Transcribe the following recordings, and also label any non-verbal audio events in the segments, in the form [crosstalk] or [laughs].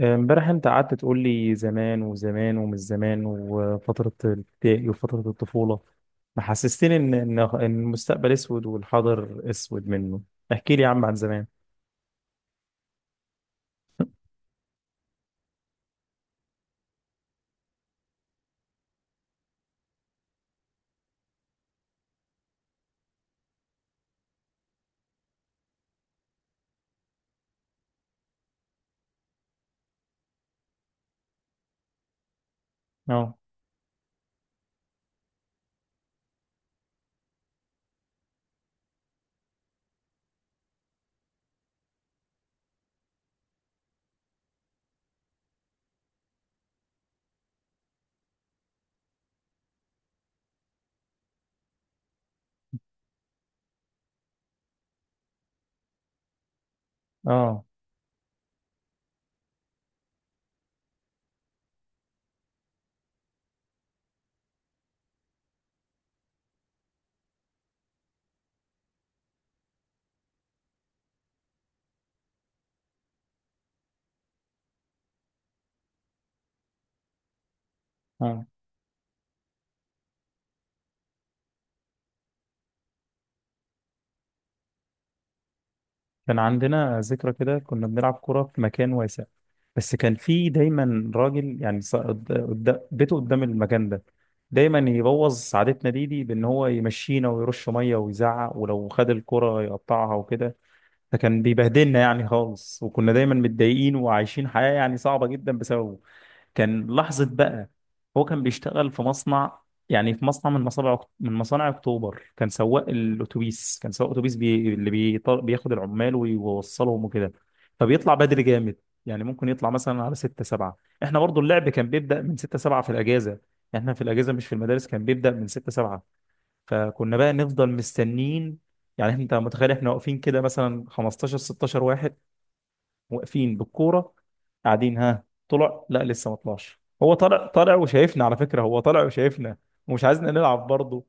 امبارح انت قعدت تقول لي زمان وزمان ومش زمان وفترة الابتدائي وفترة الطفولة. محسستني ان ان إن المستقبل اسود والحاضر اسود منه. احكي لي يا عم عن زمان. اه، اه، اه. كان عندنا ذكرى كده، كنا بنلعب كرة في مكان واسع. بس كان في دايما راجل يعني بيته قدام المكان ده، دايما يبوظ سعادتنا دي بان هو يمشينا ويرش ميه ويزعق، ولو خد الكرة يقطعها وكده. فكان بيبهدلنا يعني خالص، وكنا دايما متضايقين وعايشين حياة يعني صعبة جدا بسببه. كان لحظة بقى. هو كان بيشتغل في مصنع، يعني في مصنع من مصانع اكتوبر. كان سواق الاتوبيس، كان سواق اتوبيس اللي بياخد العمال ويوصلهم وكده. فبيطلع بدري جامد، يعني ممكن يطلع مثلا على 6 7. احنا برضو اللعب كان بيبدأ من 6 7 في الأجازة. احنا في الأجازة مش في المدارس كان بيبدأ من 6 7. فكنا بقى نفضل مستنين. يعني انت متخيل، احنا واقفين كده مثلا 15 16 واحد، واقفين بالكوره، قاعدين ها طلع لا لسه ما طلعش. هو طلع طلع وشايفنا، على فكره هو طلع وشايفنا ومش عايزنا نلعب برضه.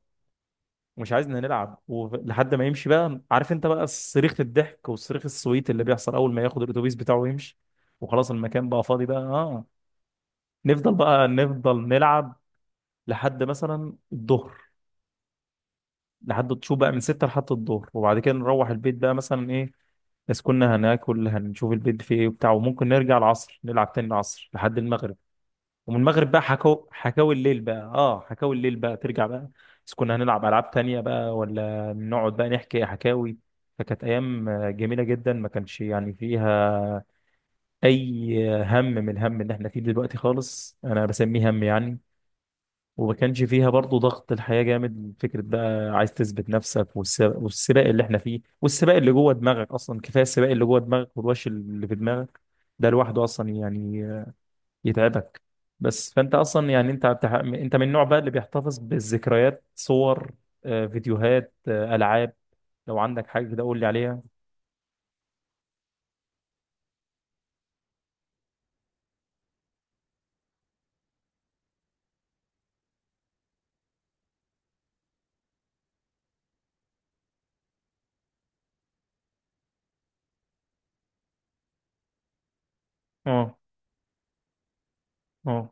ومش عايزنا نلعب ولحد ما يمشي بقى، عارف انت بقى صريخ الضحك والصريخ السويت اللي بيحصل اول ما ياخد الاتوبيس بتاعه ويمشي. وخلاص المكان بقى فاضي بقى، اه. نفضل بقى نفضل نلعب لحد مثلا الظهر، لحد تشوف بقى من ستة لحد الظهر، وبعد كده نروح البيت بقى مثلا ايه. بس كنا هناكل هنشوف البيت فيه ايه وبتاع، وممكن نرجع العصر نلعب تاني العصر لحد المغرب. ومن المغرب بقى حكاوي الليل بقى، اه حكاوي الليل بقى ترجع بقى. بس كنا هنلعب ألعاب تانية بقى، ولا نقعد بقى نحكي حكاوي. فكانت أيام جميلة جدا، ما كانش يعني فيها أي هم من الهم اللي احنا فيه دلوقتي خالص. أنا بسميه هم يعني. وما كانش فيها برضه ضغط الحياة جامد، فكرة بقى عايز تثبت نفسك والسباق اللي احنا فيه، والسباق اللي جوه دماغك أصلا. كفاية السباق اللي جوه دماغك والوش اللي في دماغك. ده لوحده أصلا يعني يتعبك. بس فأنت أصلا يعني أنت أنت من النوع بقى اللي بيحتفظ بالذكريات، صور، فيديوهات، ألعاب. لو عندك حاجة كده قول لي عليها. اه، اه،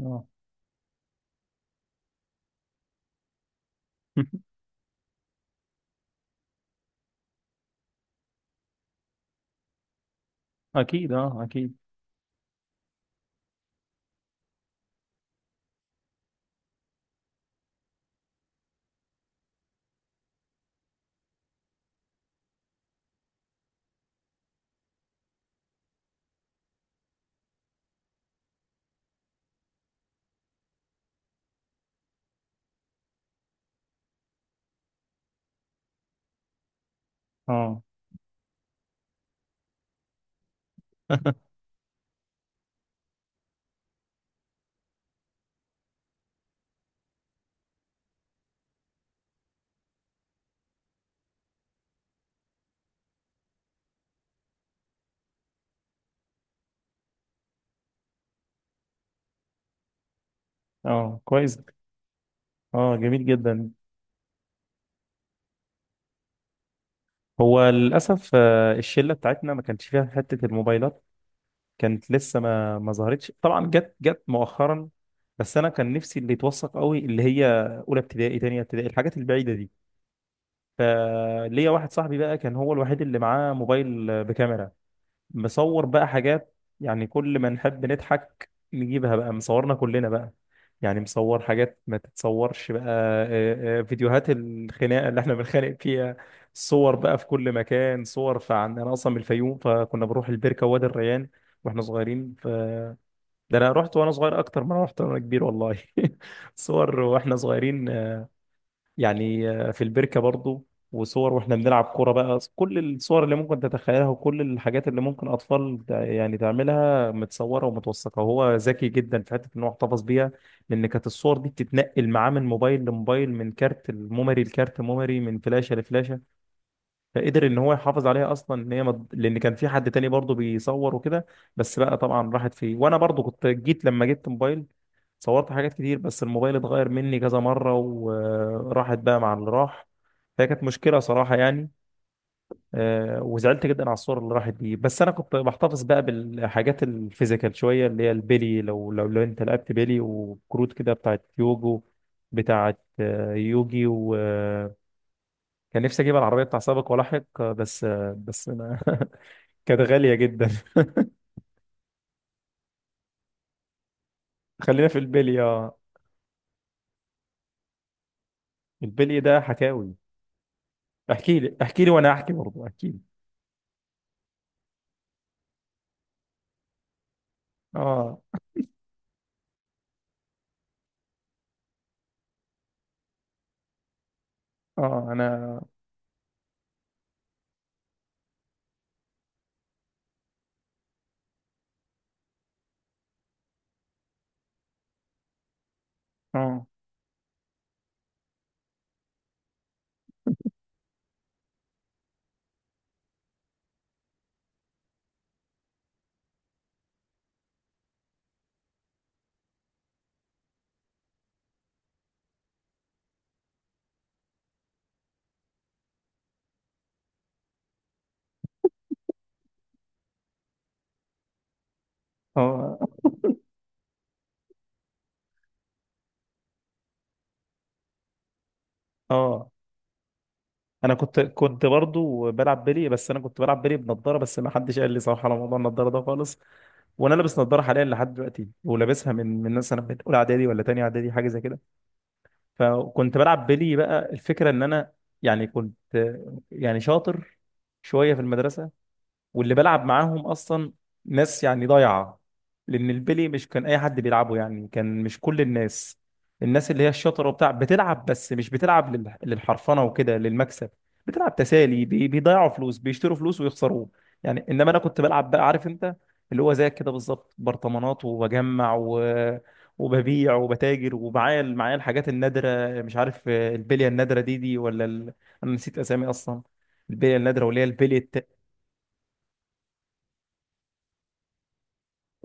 اه. [laughs] اكيد، اه اكيد. اه [laughs] اه، كويس. اه، جميل جدا. هو للأسف الشلة بتاعتنا ما كانتش فيها حتة الموبايلات. كانت لسه ما ظهرتش طبعا، جت مؤخرا. بس أنا كان نفسي اللي يتوثق قوي اللي هي أولى ابتدائي، تانية ابتدائي، الحاجات البعيدة دي. فليا واحد صاحبي بقى كان هو الوحيد اللي معاه موبايل بكاميرا، مصور بقى حاجات. يعني كل ما نحب نضحك نجيبها بقى مصورنا كلنا بقى. يعني مصور حاجات ما تتصورش بقى، فيديوهات الخناقة اللي احنا بنتخانق فيها، صور بقى في كل مكان صور. فعن انا اصلا من الفيوم، فكنا بنروح البركة وادي الريان واحنا صغيرين. ف ده انا رحت وانا صغير اكتر ما انا رحت وانا كبير، والله. [laughs] صور واحنا صغيرين، يعني في البركة برضو، وصور واحنا بنلعب كورة بقى. كل الصور اللي ممكن تتخيلها، وكل الحاجات اللي ممكن أطفال يعني تعملها متصورة ومتوثقة، وهو ذكي جدا في حتة إن هو احتفظ بيها. لأن كانت الصور دي بتتنقل معاه من موبايل لموبايل، من كارت الميموري لكارت ميموري، من فلاشة لفلاشة. فقدر ان هو يحافظ عليها اصلا ان هي لان كان في حد تاني برضه بيصور وكده. بس بقى طبعا راحت فيه. وانا برضه كنت جيت لما جبت موبايل، صورت حاجات كتير، بس الموبايل اتغير مني كذا مرة وراحت بقى مع اللي راح. فهي كانت مشكلة صراحة يعني. وزعلت جدا على الصور اللي راحت دي. بس انا كنت بحتفظ بقى بالحاجات الفيزيكال شوية، اللي هي البيلي. لو انت لعبت بيلي وكروت كده بتاعت يوجو، بتاعت يوجي. كان نفسي اجيب العربيه بتاع سابق ولاحق، بس بس ما. [laughs] كانت غاليه جدا. [laughs] خلينا في البلي، اه. البلي ده حكاوي. احكي لي احكي لي وانا احكي برضه احكي لي. اه اه انا اه اه اه انا كنت برضه بلعب بلي. بس انا كنت بلعب بلي بنضاره، بس ما حدش قال لي صراحه على موضوع النضاره ده خالص. وانا لابس نضاره حاليا لحد دلوقتي، ولابسها من مثلا من اولى اعدادي ولا تانية اعدادي حاجه زي كده. فكنت بلعب بلي بقى، الفكره ان انا يعني كنت يعني شاطر شويه في المدرسه. واللي بلعب معاهم اصلا ناس يعني ضايعه، لان البلي مش كان اي حد بيلعبه يعني. كان مش كل الناس. الناس اللي هي الشاطره وبتاع بتلعب، بس مش بتلعب للحرفنه وكده للمكسب، بتلعب تسالي. بيضيعوا فلوس، بيشتروا فلوس ويخسروه. يعني انما انا كنت بلعب بقى، عارف انت اللي هو زيك كده بالظبط، برطمانات وبجمع، و... وببيع وبتاجر، ومعايا معايا الحاجات النادره، مش عارف البليه النادره دي ولا ال... انا نسيت اسامي اصلا. البليه النادره واللي هي البليه.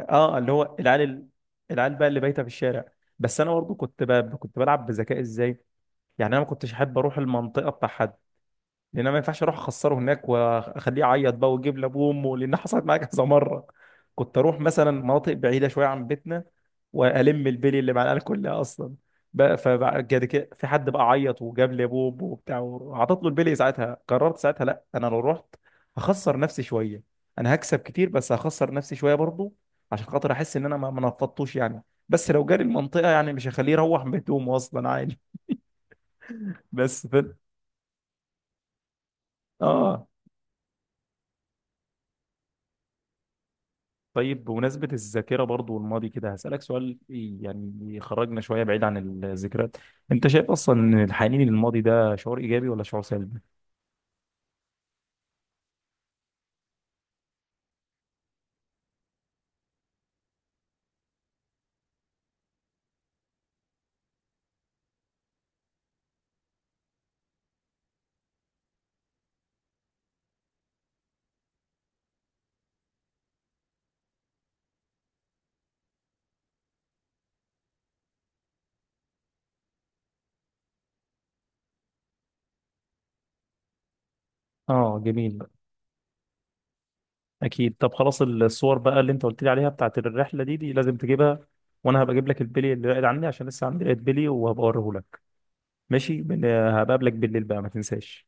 اه، اللي هو العيال العيال بقى اللي بايته في الشارع. بس انا برضه كنت كنت بلعب بذكاء. ازاي يعني؟ انا ما كنتش احب اروح المنطقه بتاع حد، لان انا ما ينفعش اروح اخسره هناك واخليه يعيط بقى ويجيب لابوه وامه، لان [laughs] حصلت معايا كذا مره. كنت اروح مثلا مناطق بعيده شويه عن بيتنا والم البلي اللي مع العيال [laughs] كلها اصلا. بقى فبعد كده في حد بقى عيط وجاب لي ابوه وأمه وبتاع، وعطت له البلي ساعتها. قررت ساعتها لا انا لو رحت هخسر نفسي شويه. انا هكسب كتير بس هخسر نفسي شويه برضه، عشان خاطر احس ان انا ما نفضتوش يعني. بس لو جاري المنطقه يعني مش هخليه يروح بهدومه اصلا عادي. [laughs] بس اه، طيب، بمناسبة الذاكرة برضو والماضي كده، هسألك سؤال يعني يخرجنا شوية بعيد عن الذكريات. انت شايف اصلا ان الحنين للماضي ده شعور ايجابي ولا شعور سلبي؟ اه، جميل. اكيد، طب خلاص، الصور بقى اللي انت قلت لي عليها بتاعت الرحلة دي لازم تجيبها. وانا هبقى اجيب لك البلي اللي قاعد عندي، عشان لسه عندي لقيت بلي وهبقى اوريه لك. ماشي، هبقى اقابلك بالليل بقى، ما تنساش.